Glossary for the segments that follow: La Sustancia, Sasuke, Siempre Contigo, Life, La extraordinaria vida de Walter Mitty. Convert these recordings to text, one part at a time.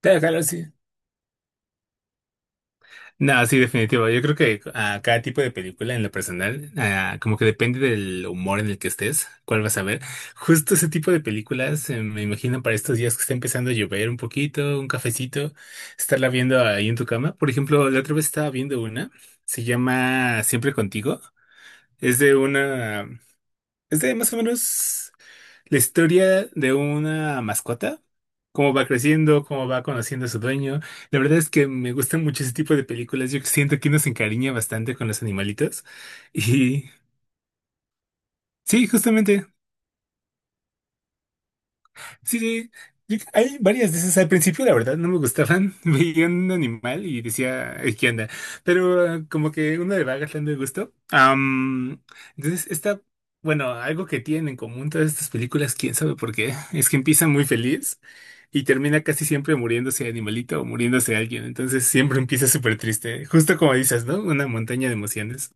Claro, claro, sí. No, sí, definitivo. Yo creo que a cada tipo de película en lo personal, como que depende del humor en el que estés, cuál vas a ver. Justo ese tipo de películas, me imagino para estos días que está empezando a llover un poquito, un cafecito, estarla viendo ahí en tu cama. Por ejemplo, la otra vez estaba viendo una, se llama Siempre Contigo. Es de una, es de más o menos la historia de una mascota, cómo va creciendo, cómo va conociendo a su dueño. La verdad es que me gusta mucho ese tipo de películas. Yo siento que uno se encariña bastante con los animalitos. Y sí, justamente, sí, sí. Hay varias de esas. Al principio, la verdad, no me gustaban. Veía un animal y decía, "Ay, ¿qué onda? Pero como que uno le va agarrando el gusto. Entonces, esta, bueno, algo que tienen en común todas estas películas, quién sabe por qué, es que empiezan muy feliz. Y termina casi siempre muriéndose animalito o muriéndose alguien. Entonces siempre empieza súper triste. Justo como dices, ¿no? Una montaña de emociones.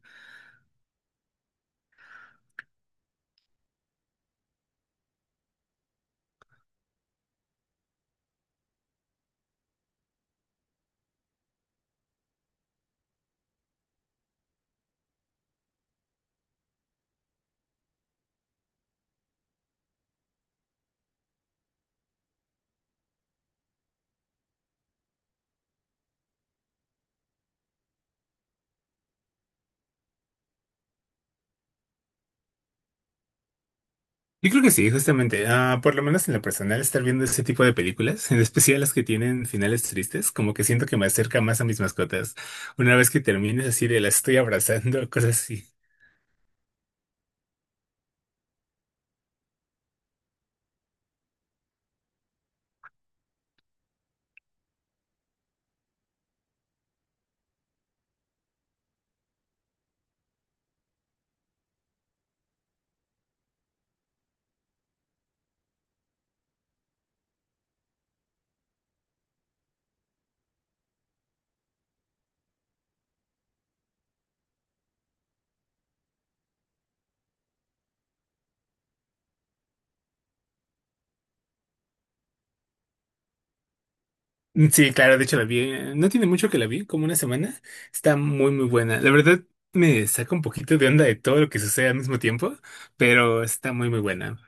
Yo creo que sí, justamente. Por lo menos en lo personal, estar viendo ese tipo de películas, en especial las que tienen finales tristes, como que siento que me acerca más a mis mascotas. Una vez que termines así de las estoy abrazando, cosas así. Mm, sí, claro, de hecho la vi, no tiene mucho que la vi, como una semana, está muy buena. La verdad me saca un poquito de onda de todo lo que sucede al mismo tiempo, pero está muy buena.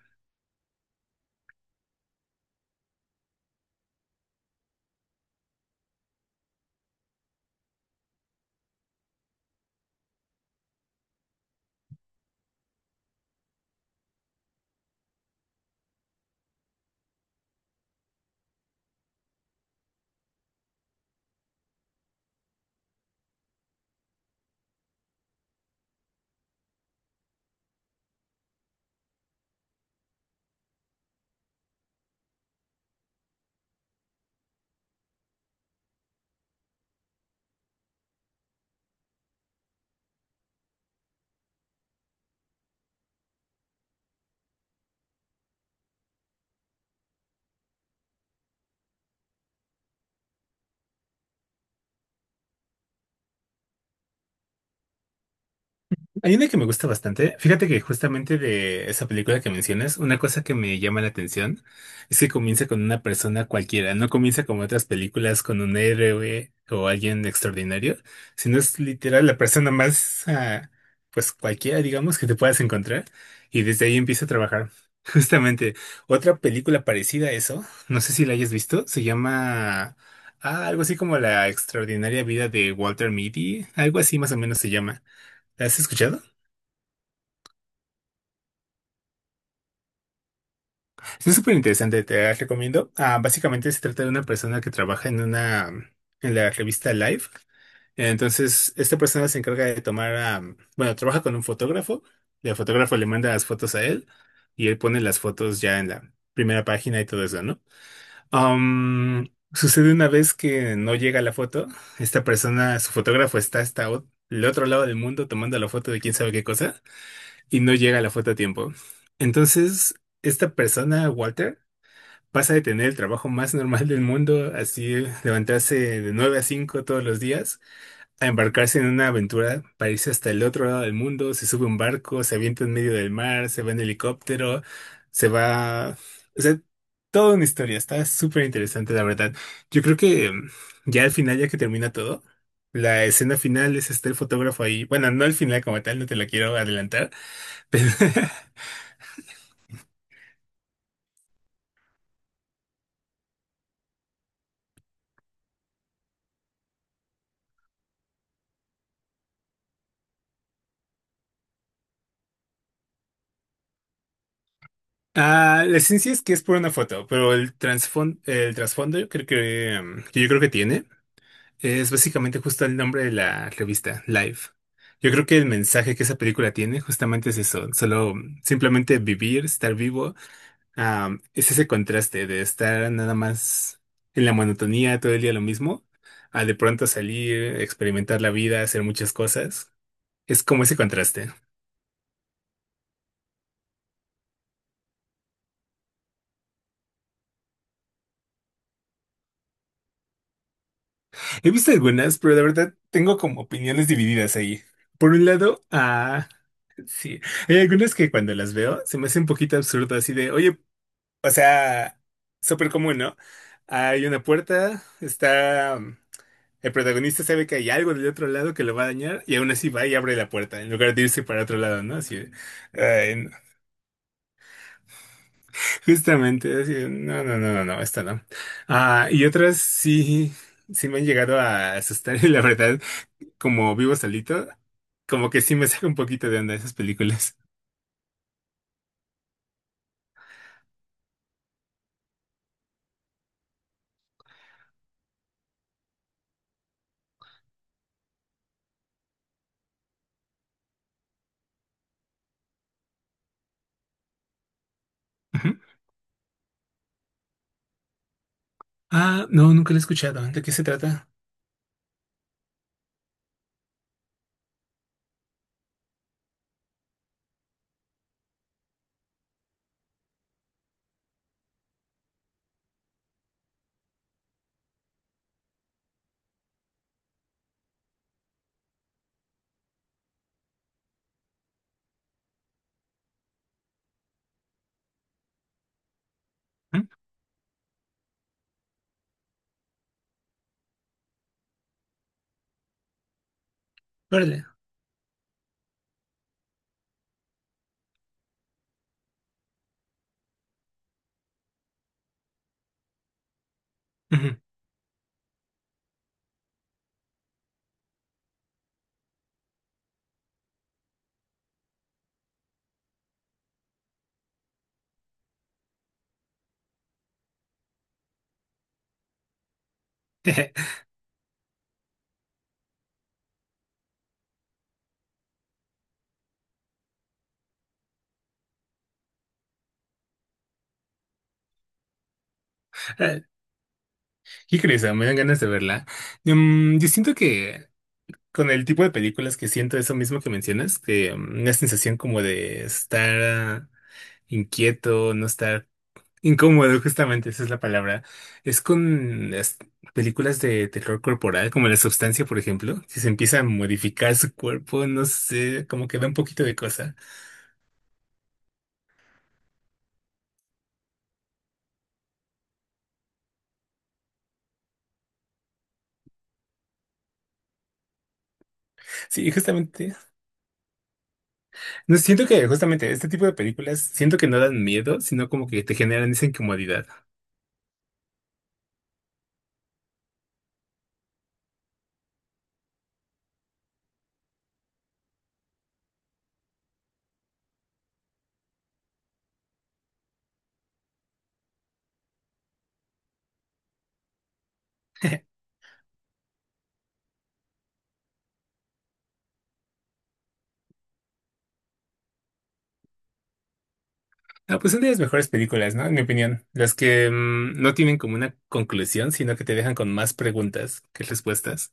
Hay una que me gusta bastante. Fíjate que justamente de esa película que mencionas, una cosa que me llama la atención es que comienza con una persona cualquiera, no comienza como otras películas con un héroe o alguien extraordinario, sino es literal la persona más, pues cualquiera, digamos, que te puedas encontrar, y desde ahí empieza a trabajar. Justamente, otra película parecida a eso, no sé si la hayas visto, se llama algo así como La Extraordinaria Vida de Walter Mitty, algo así más o menos se llama. ¿La has escuchado? Es súper interesante, te las recomiendo. Básicamente se trata de una persona que trabaja en una, en la revista Life. Entonces, esta persona se encarga de tomar, bueno, trabaja con un fotógrafo. El fotógrafo le manda las fotos a él y él pone las fotos ya en la primera página y todo eso, ¿no? Sucede una vez que no llega la foto. Esta persona, su fotógrafo está hasta el otro lado del mundo tomando la foto de quién sabe qué cosa, y no llega la foto a tiempo. Entonces, esta persona, Walter, pasa de tener el trabajo más normal del mundo, así levantarse de 9 a 5 todos los días, a embarcarse en una aventura para irse hasta el otro lado del mundo, se sube a un barco, se avienta en medio del mar, se va en helicóptero, se va... O sea, toda una historia, está súper interesante, la verdad. Yo creo que ya al final, ya que termina todo, la escena final es este el fotógrafo ahí. Bueno, no al final como tal, no te la quiero adelantar, pero la esencia es que es por una foto, pero el trasfondo yo creo que tiene, es básicamente justo el nombre de la revista, Life. Yo creo que el mensaje que esa película tiene justamente es eso, solo simplemente vivir, estar vivo, es ese contraste de estar nada más en la monotonía todo el día lo mismo, a de pronto salir, experimentar la vida, hacer muchas cosas. Es como ese contraste. He visto algunas, pero de verdad tengo como opiniones divididas ahí. Por un lado, sí, hay algunas que cuando las veo se me hace un poquito absurdo, así de, oye, o sea, súper común, ¿no? Hay una puerta, está, el protagonista sabe que hay algo del otro lado que lo va a dañar y aún así va y abre la puerta en lugar de irse para otro lado, ¿no? Así, de, ay, no. Justamente, así, de, no, no, no, no, no, esta no. Y otras sí, sí me han llegado a asustar, y la verdad, como vivo solito, como que sí me saca un poquito de onda esas películas. Ujú. Ah, no, nunca lo he escuchado. ¿De qué se trata? ¿Mm? Órale. Ujú. Órale. Qué curioso, me dan ganas de verla. Mm, yo siento que con el tipo de películas que siento eso mismo que mencionas, que una sensación como de estar inquieto, no estar. Incómodo, justamente, esa es la palabra. Es con las películas de terror corporal, como La Sustancia, por ejemplo, que se empieza a modificar su cuerpo, no sé, como que da un poquito de cosa. Sí, justamente. No siento que justamente este tipo de películas, siento que no dan miedo, sino como que te generan esa incomodidad. Ah, pues son de las mejores películas, ¿no? En mi opinión. Las que no tienen como una conclusión, sino que te dejan con más preguntas que respuestas.